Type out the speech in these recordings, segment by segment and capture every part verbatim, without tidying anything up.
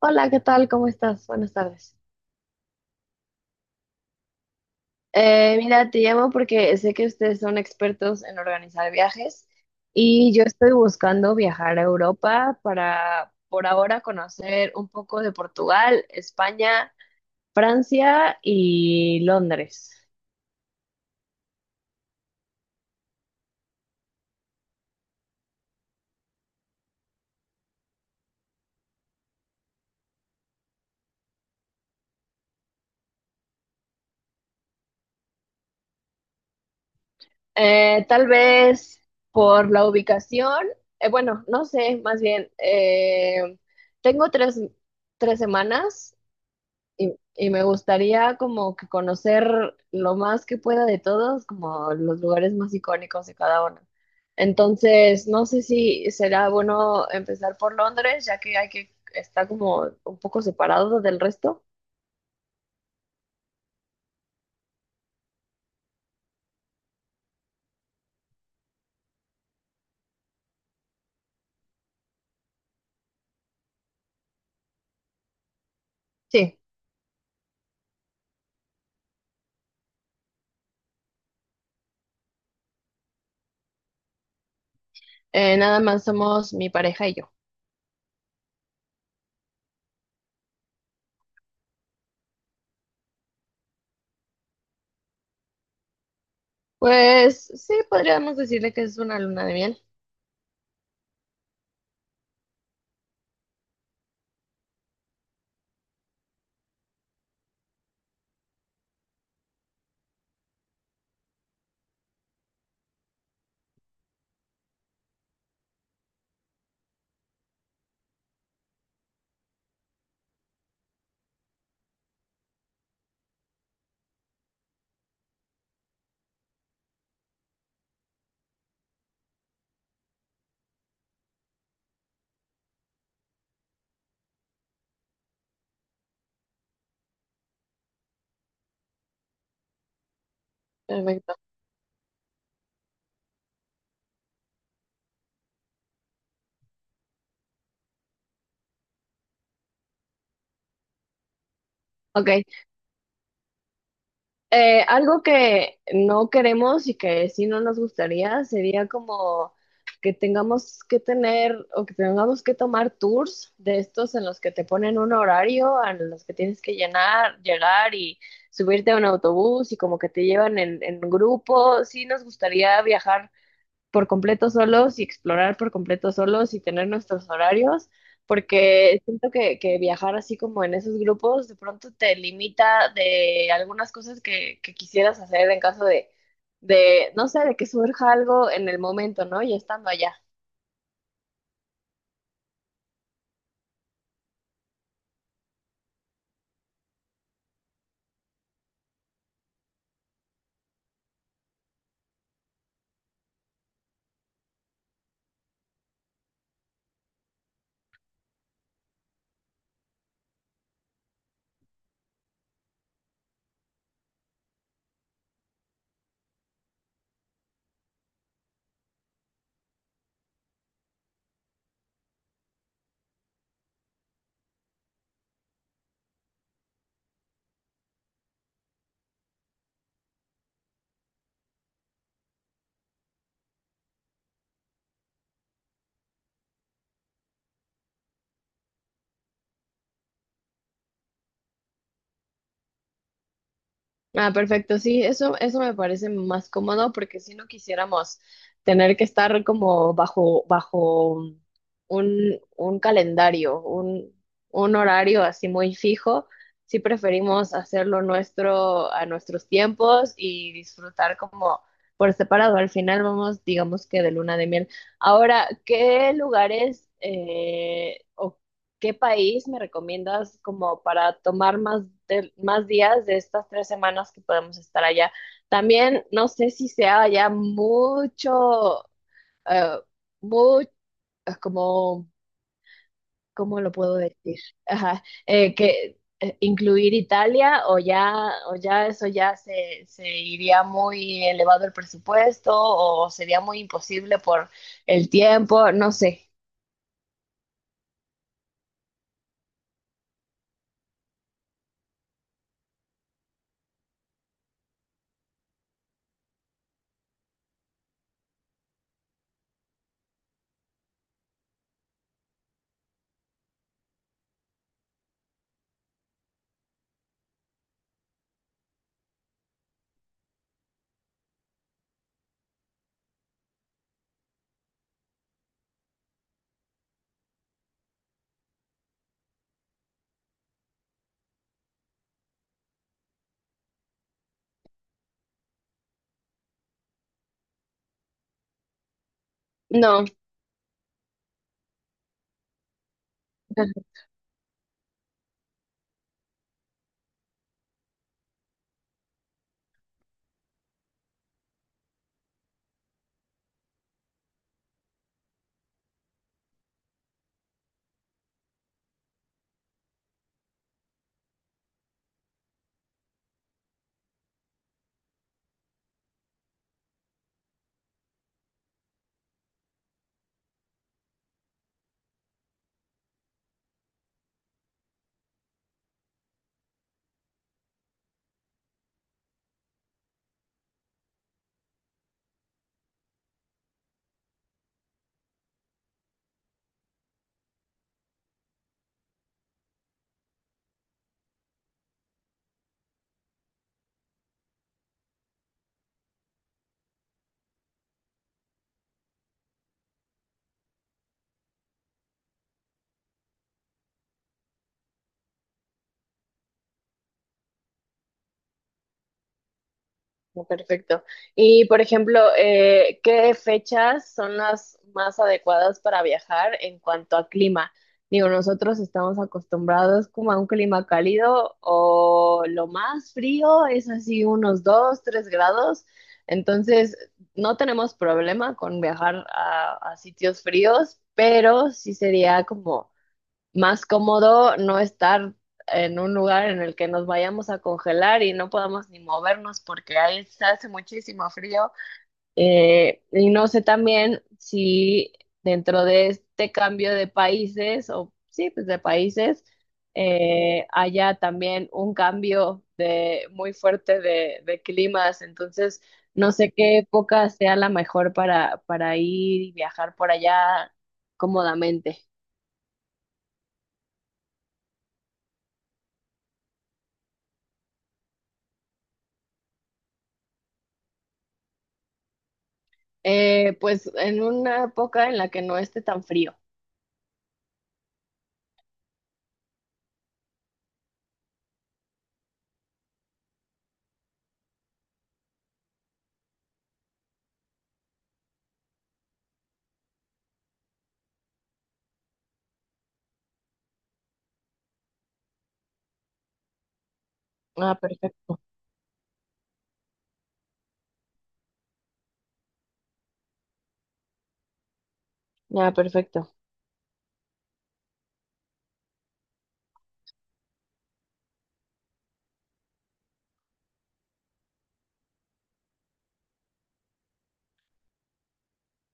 Hola, ¿qué tal? ¿Cómo estás? Buenas tardes. Eh, mira, te llamo porque sé que ustedes son expertos en organizar viajes y yo estoy buscando viajar a Europa para, por ahora, conocer un poco de Portugal, España, Francia y Londres. Eh, tal vez por la ubicación, eh, bueno, no sé, más bien, eh, tengo tres, tres semanas. Y, y me gustaría como que conocer lo más que pueda de todos, como los lugares más icónicos de cada uno. Entonces, no sé si será bueno empezar por Londres, ya que hay que está como un poco separado del resto. Sí, eh, nada más somos mi pareja y yo. Pues sí, podríamos decirle que es una luna de miel. Perfecto. Ok. Eh, algo que no queremos y que sí no nos gustaría sería como que tengamos que tener o que tengamos que tomar tours de estos en los que te ponen un horario, a los que tienes que llenar, llegar y subirte a un autobús y como que te llevan en, en grupo. Sí nos gustaría viajar por completo solos y explorar por completo solos y tener nuestros horarios, porque siento que, que viajar así como en esos grupos de pronto te limita de algunas cosas que, que quisieras hacer en caso de, de, no sé, de que surja algo en el momento, ¿no? Ya estando allá. Ah, perfecto, sí, eso, eso me parece más cómodo porque si no quisiéramos tener que estar como bajo, bajo un, un calendario, un, un horario así muy fijo, sí preferimos hacerlo nuestro a nuestros tiempos y disfrutar como por separado. Al final vamos, digamos que de luna de miel. Ahora, ¿qué lugares eh, o ¿qué país me recomiendas como para tomar más, de- más días de estas tres semanas que podemos estar allá? También no sé si sea allá mucho, eh, mu- eh, como, ¿cómo lo puedo decir? Ajá, eh, que eh, incluir Italia o ya, o ya eso ya se, se iría muy elevado el presupuesto o sería muy imposible por el tiempo, no sé. No. Oh, perfecto. Y por ejemplo, eh, ¿qué fechas son las más adecuadas para viajar en cuanto a clima? Digo, nosotros estamos acostumbrados como a un clima cálido o lo más frío es así unos dos, tres grados. Entonces, no tenemos problema con viajar a, a sitios fríos, pero sí sería como más cómodo no estar en un lugar en el que nos vayamos a congelar y no podamos ni movernos porque ahí se hace muchísimo frío. Eh, y no sé también si dentro de este cambio de países, o sí, pues de países, eh, haya también un cambio de, muy fuerte de, de climas. Entonces, no sé qué época sea la mejor para, para ir y viajar por allá cómodamente. Eh, pues en una época en la que no esté tan frío. Ah, perfecto. Ah, perfecto.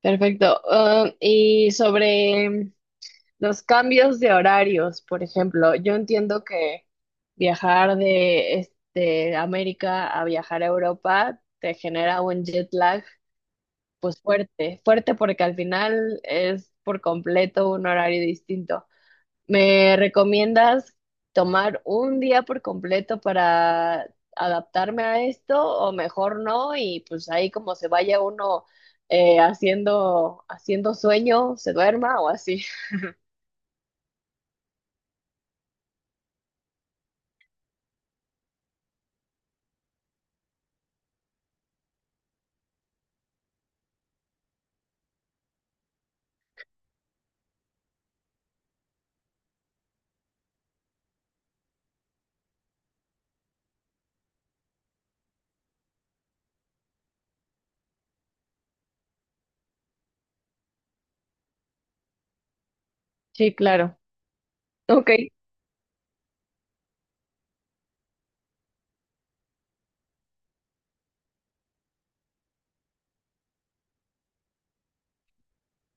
Perfecto. Ah, y sobre los cambios de horarios, por ejemplo, yo entiendo que viajar de este, América a viajar a Europa te genera un jet lag, pues fuerte, fuerte porque al final es por completo un horario distinto. ¿Me recomiendas tomar un día por completo para adaptarme a esto o mejor no? Y pues ahí como se vaya uno eh, haciendo, haciendo sueño, se duerma o así. Sí, claro. Ok.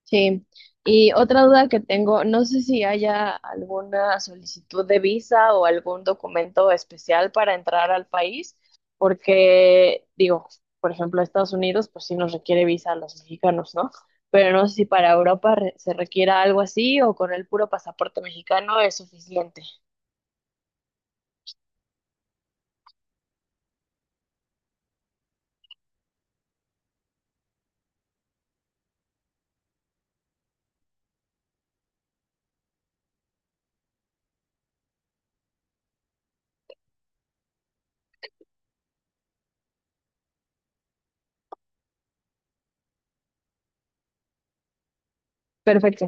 Sí, y otra duda que tengo, no sé si haya alguna solicitud de visa o algún documento especial para entrar al país, porque digo, por ejemplo, Estados Unidos, pues sí nos requiere visa a los mexicanos, ¿no? Pero no sé si para Europa re- se requiera algo así o con el puro pasaporte mexicano es suficiente. Perfecto.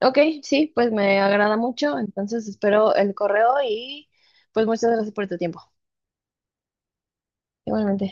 Ok, sí, pues me agrada mucho, entonces espero el correo y pues muchas gracias por tu tiempo. Igualmente.